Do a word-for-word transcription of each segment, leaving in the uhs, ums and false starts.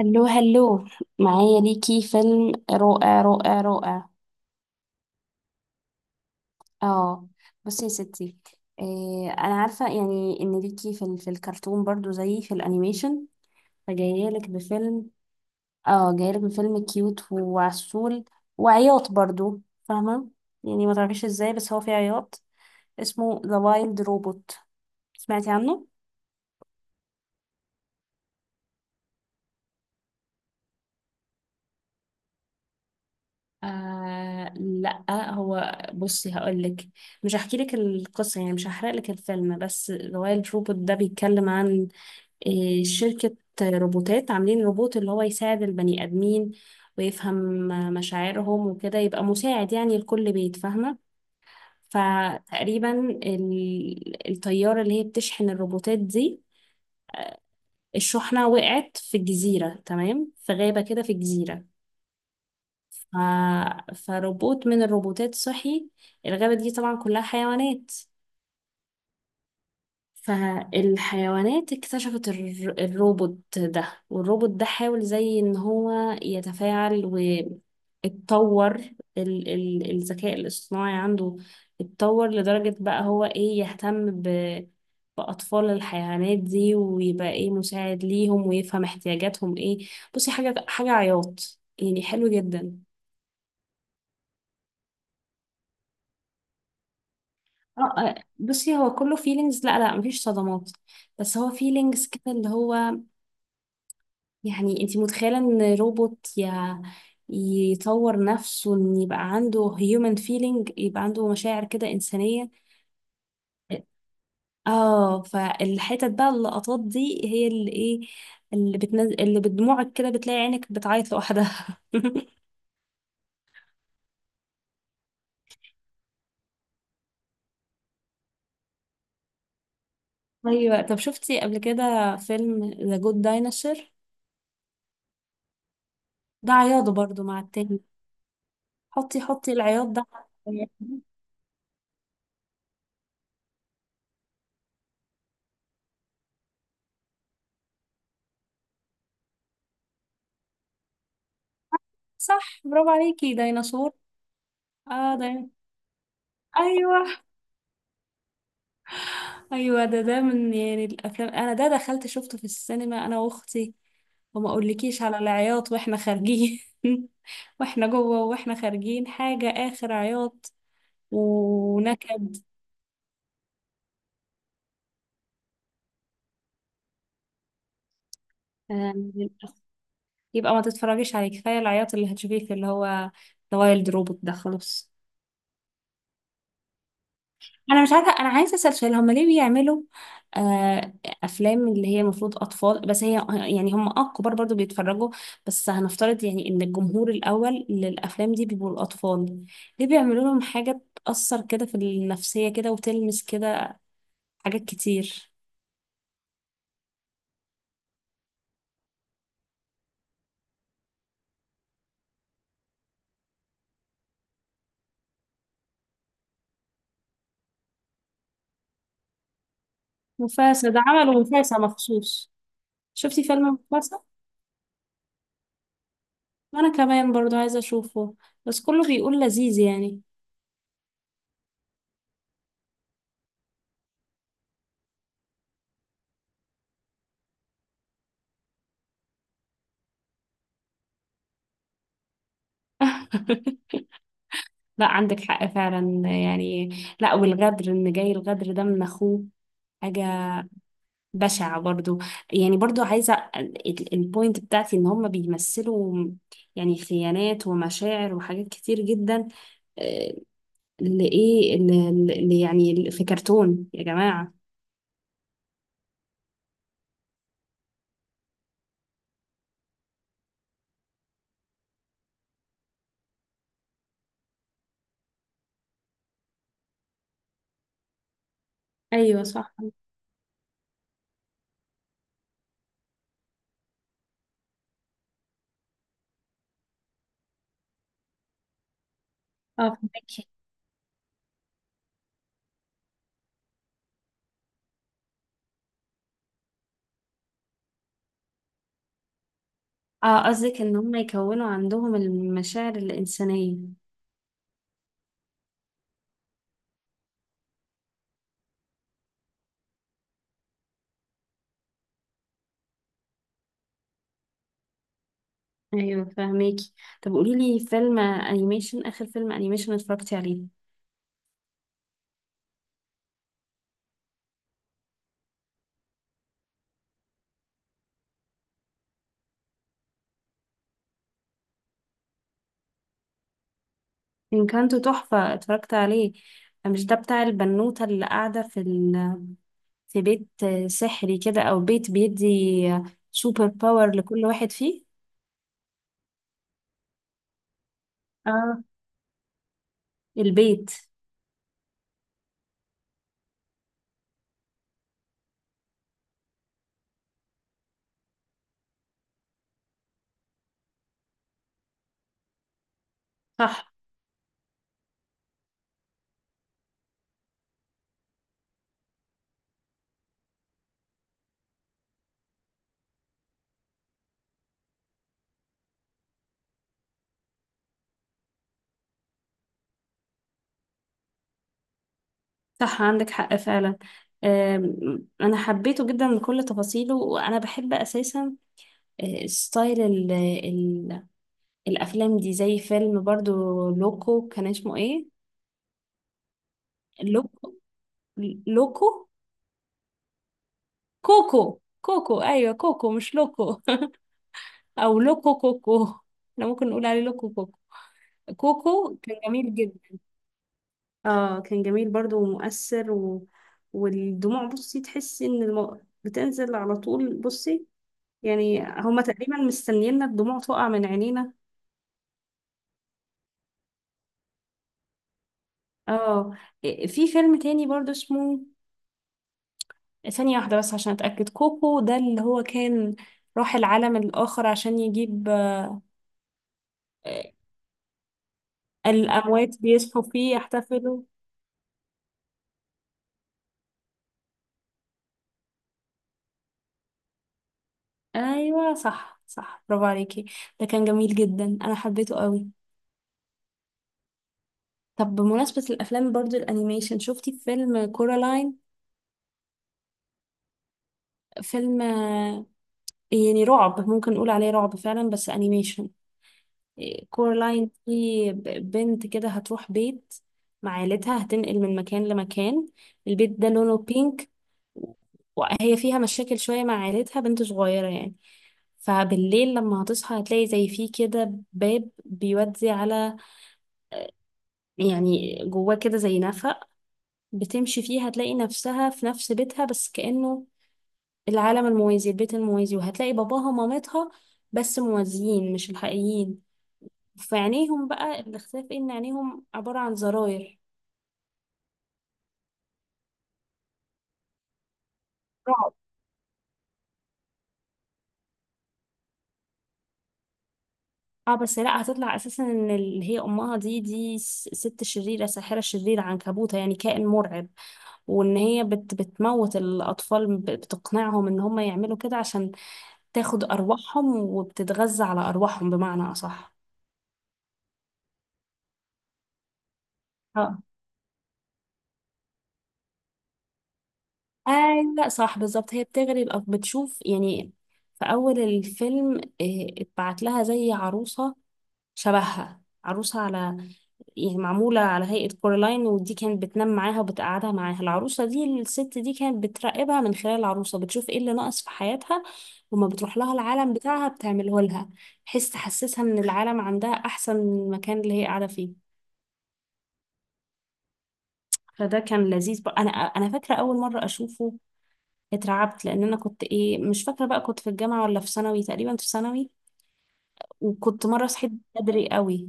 هلو هلو، معايا ليكي فيلم رائع رائع رائع. اه، بصي يا ستي، إيه انا عارفه يعني ان ليكي في, ال- في الكرتون برضو زي في الانيميشن، فجايه لك بفيلم. اه، جايه لك بفيلم كيوت وعسول وعياط برضو، فاهمه يعني؟ ما تعرفيش ازاي بس هو فيه عياط. اسمه ذا وايلد روبوت، سمعتي عنه؟ آه لا، هو بصي هقولك، مش هحكي لك القصة يعني، مش هحرق لك الفيلم، بس رويال روبوت ده بيتكلم عن آه، شركة روبوتات، عاملين روبوت اللي هو يساعد البني آدمين ويفهم آه، مشاعرهم وكده، يبقى مساعد يعني لكل بيت، فاهمة؟ فتقريبا ال- الطيارة اللي هي بتشحن الروبوتات دي، الشحنة وقعت في الجزيرة، تمام؟ في غابة كده في الجزيرة. ف... فروبوت من الروبوتات صحي. الغابة دي طبعا كلها حيوانات، فالحيوانات اكتشفت الر... الروبوت ده، والروبوت ده حاول زي ان هو يتفاعل واتطور. ال... ال... الذكاء الاصطناعي عنده اتطور لدرجة بقى هو ايه، يهتم ب... بأطفال الحيوانات دي ويبقى ايه، مساعد ليهم ويفهم احتياجاتهم ايه. بصي حاجة حاجة عياط يعني، حلو جدا. اه آه، بصي هو كله فيلينجز، لا لا مفيش صدمات، بس هو فيلينجز كده اللي هو، يعني انتي متخيلة ان روبوت يا، يطور نفسه ان يبقى عنده هيومن فيلينج، يبقى عنده مشاعر كده إنسانية. اه، فالحتت بقى اللقطات دي هي اللي ايه، اللي بتنزل اللي بدموعك كده، بتلاقي عينك بتعيط لوحدها. ايوه، طب شفتي قبل كده فيلم ذا جود دايناسور؟ ده عياط برضو مع التاني. حطي حطي العياط ده. صح، برافو عليكي. ديناصور، اه دي... ايوه ايوه، ده ده من يعني الافلام، انا ده دخلت شفته في السينما انا واختي، وما اقولكيش على العياط واحنا خارجين. واحنا جوه واحنا خارجين، حاجه اخر عياط ونكد. آه، يبقى ما تتفرجيش عليه، كفايه العياط اللي هتشوفيه في اللي هو ذا وايلد روبوت ده، خلاص. انا مش عارفه، انا عايزه اسال سؤال، هم ليه بيعملوا آه افلام اللي هي المفروض اطفال، بس هي يعني هم اه كبار برضو بيتفرجوا، بس هنفترض يعني ان الجمهور الاول للافلام دي بيبقوا الاطفال، ليه بيعملوا لهم حاجه تاثر كده في النفسيه كده وتلمس كده حاجات كتير؟ مفاسة، ده عملوا مفاسة مخصوص. شفتي فيلم مفاسة؟ وانا كمان برضو عايزه اشوفه، بس كله بيقول لذيذ يعني. لا، عندك حق فعلا يعني. لا، والغدر، ان جاي الغدر ده من اخوه، حاجة بشعة برضو. يعني برضو عايزة، البوينت بتاعتي ان هم بيمثلوا يعني خيانات ومشاعر وحاجات كتير جدا، آه، اللي ايه اللي، اللي يعني في كرتون يا جماعة. ايوه صح. اه فهمك. اه، قصدك ان هم يكونوا عندهم المشاعر الإنسانية. ايوه فهميكي. طب قوليلي فيلم انيميشن، اخر فيلم انيميشن اتفرجتي عليه. إن كانت تحفة، اتفرجت عليه. مش ده بتاع البنوتة اللي قاعدة في ال في بيت سحري كده، او بيت بيدي سوبر باور لكل واحد فيه؟ اه، البيت. صح صح، عندك حق فعلا. أم، انا حبيته جدا بكل تفاصيله، وانا بحب اساسا أه، ستايل ال ال الافلام دي، زي فيلم برضو لوكو، كان اسمه ايه؟ لوكو، لوكو، كوكو. كوكو، ايوه كوكو مش لوكو. او لوكو كوكو، احنا ممكن نقول عليه لوكو كوكو. كوكو كان جميل جدا. اه، كان جميل برضو ومؤثر و... والدموع، بصي تحسي ان الم... بتنزل على طول، بصي يعني هما تقريبا مستنيينا الدموع تقع من عينينا. اه، إيه، في فيلم تاني برضو اسمه، ثانية واحدة بس عشان اتأكد، كوكو ده اللي هو كان راح العالم الآخر عشان يجيب، آه، الأموات بيصحوا فيه يحتفلوا. ايوه صح صح، برافو عليكي. ده كان جميل جدا، انا حبيته قوي. طب بمناسبة الأفلام برضو الأنيميشن، شفتي فيلم كورالاين؟ فيلم آه، يعني رعب، ممكن نقول عليه رعب فعلا بس انيميشن. إيه، كورالاين دي ب- بنت كده، هتروح بيت مع عيلتها، هتنقل من مكان لمكان. البيت ده لونه بينك، وهي فيها مشاكل شوية مع عيلتها، بنت صغيرة يعني. فبالليل لما هتصحى هتلاقي زي فيه كده باب بيودي على، يعني جواه كده زي نفق، بتمشي فيه هتلاقي نفسها في نفس بيتها، بس كأنه العالم الموازي، البيت الموازي، وهتلاقي باباها ومامتها، بس موازيين مش الحقيقيين. في عينيهم بقى الاختلاف إيه؟ ان عينيهم عبارة عن زراير. رعب. اه، بس لا، هتطلع اساسا ان اللي هي امها دي دي س- ست شريره، ساحره شريره عنكبوته يعني، كائن مرعب. وان هي بت بتموت الاطفال، ب- بتقنعهم ان هم يعملوا كده عشان تاخد ارواحهم، وبتتغذى على ارواحهم بمعنى اصح. اه ايوه صح بالظبط، هي بتغري الأب- بتشوف يعني في اول الفيلم، إيه، اتبعت لها زي عروسه، شبهها عروسه على يعني معموله على هيئه كورالاين، ودي كانت بتنام معاها وبتقعدها معاها العروسه دي، الست دي كانت بتراقبها من خلال العروسه، بتشوف ايه اللي ناقص في حياتها، وما بتروح لها العالم بتاعها بتعمله لها، بحيث تحسسها ان العالم عندها احسن من المكان اللي هي قاعده فيه. فده كان لذيذ بقى. انا انا فاكره اول مره اشوفه اترعبت، لان انا كنت ايه مش فاكره بقى، كنت في الجامعه ولا في ثانوي، تقريبا في ثانوي، وكنت مره صحيت بدري قوي.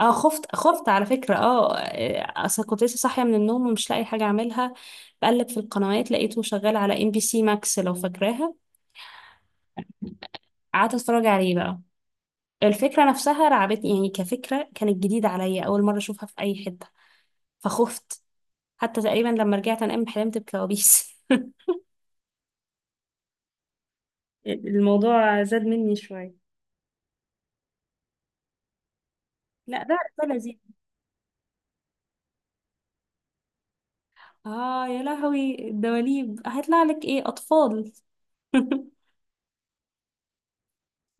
اه، خفت خفت على فكره. اه آه، اصل كنت لسه صاحيه من النوم، ومش لاقي حاجه اعملها، بقلب في القنوات لقيته شغال على ام بي سي ماكس، لو فاكراها. قعدت اتفرج عليه بقى، الفكره نفسها رعبتني يعني، كفكره كانت جديده عليا، اول مره اشوفها في اي حته، فخفت. حتى تقريبا لما رجعت انام حلمت بكوابيس. الموضوع زاد مني شويه. لا ده ده لذيذ. اه يا لهوي، الدواليب هيطلع لك ايه، اطفال؟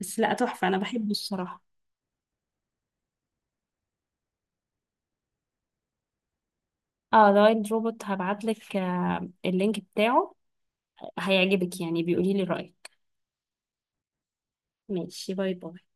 بس لا، تحفة، انا بحبه الصراحة. اه، ذا وايلد روبوت، هبعت لك آه، اللينك بتاعه، هيعجبك يعني، بيقولي لي رأيك. ماشي، باي باي.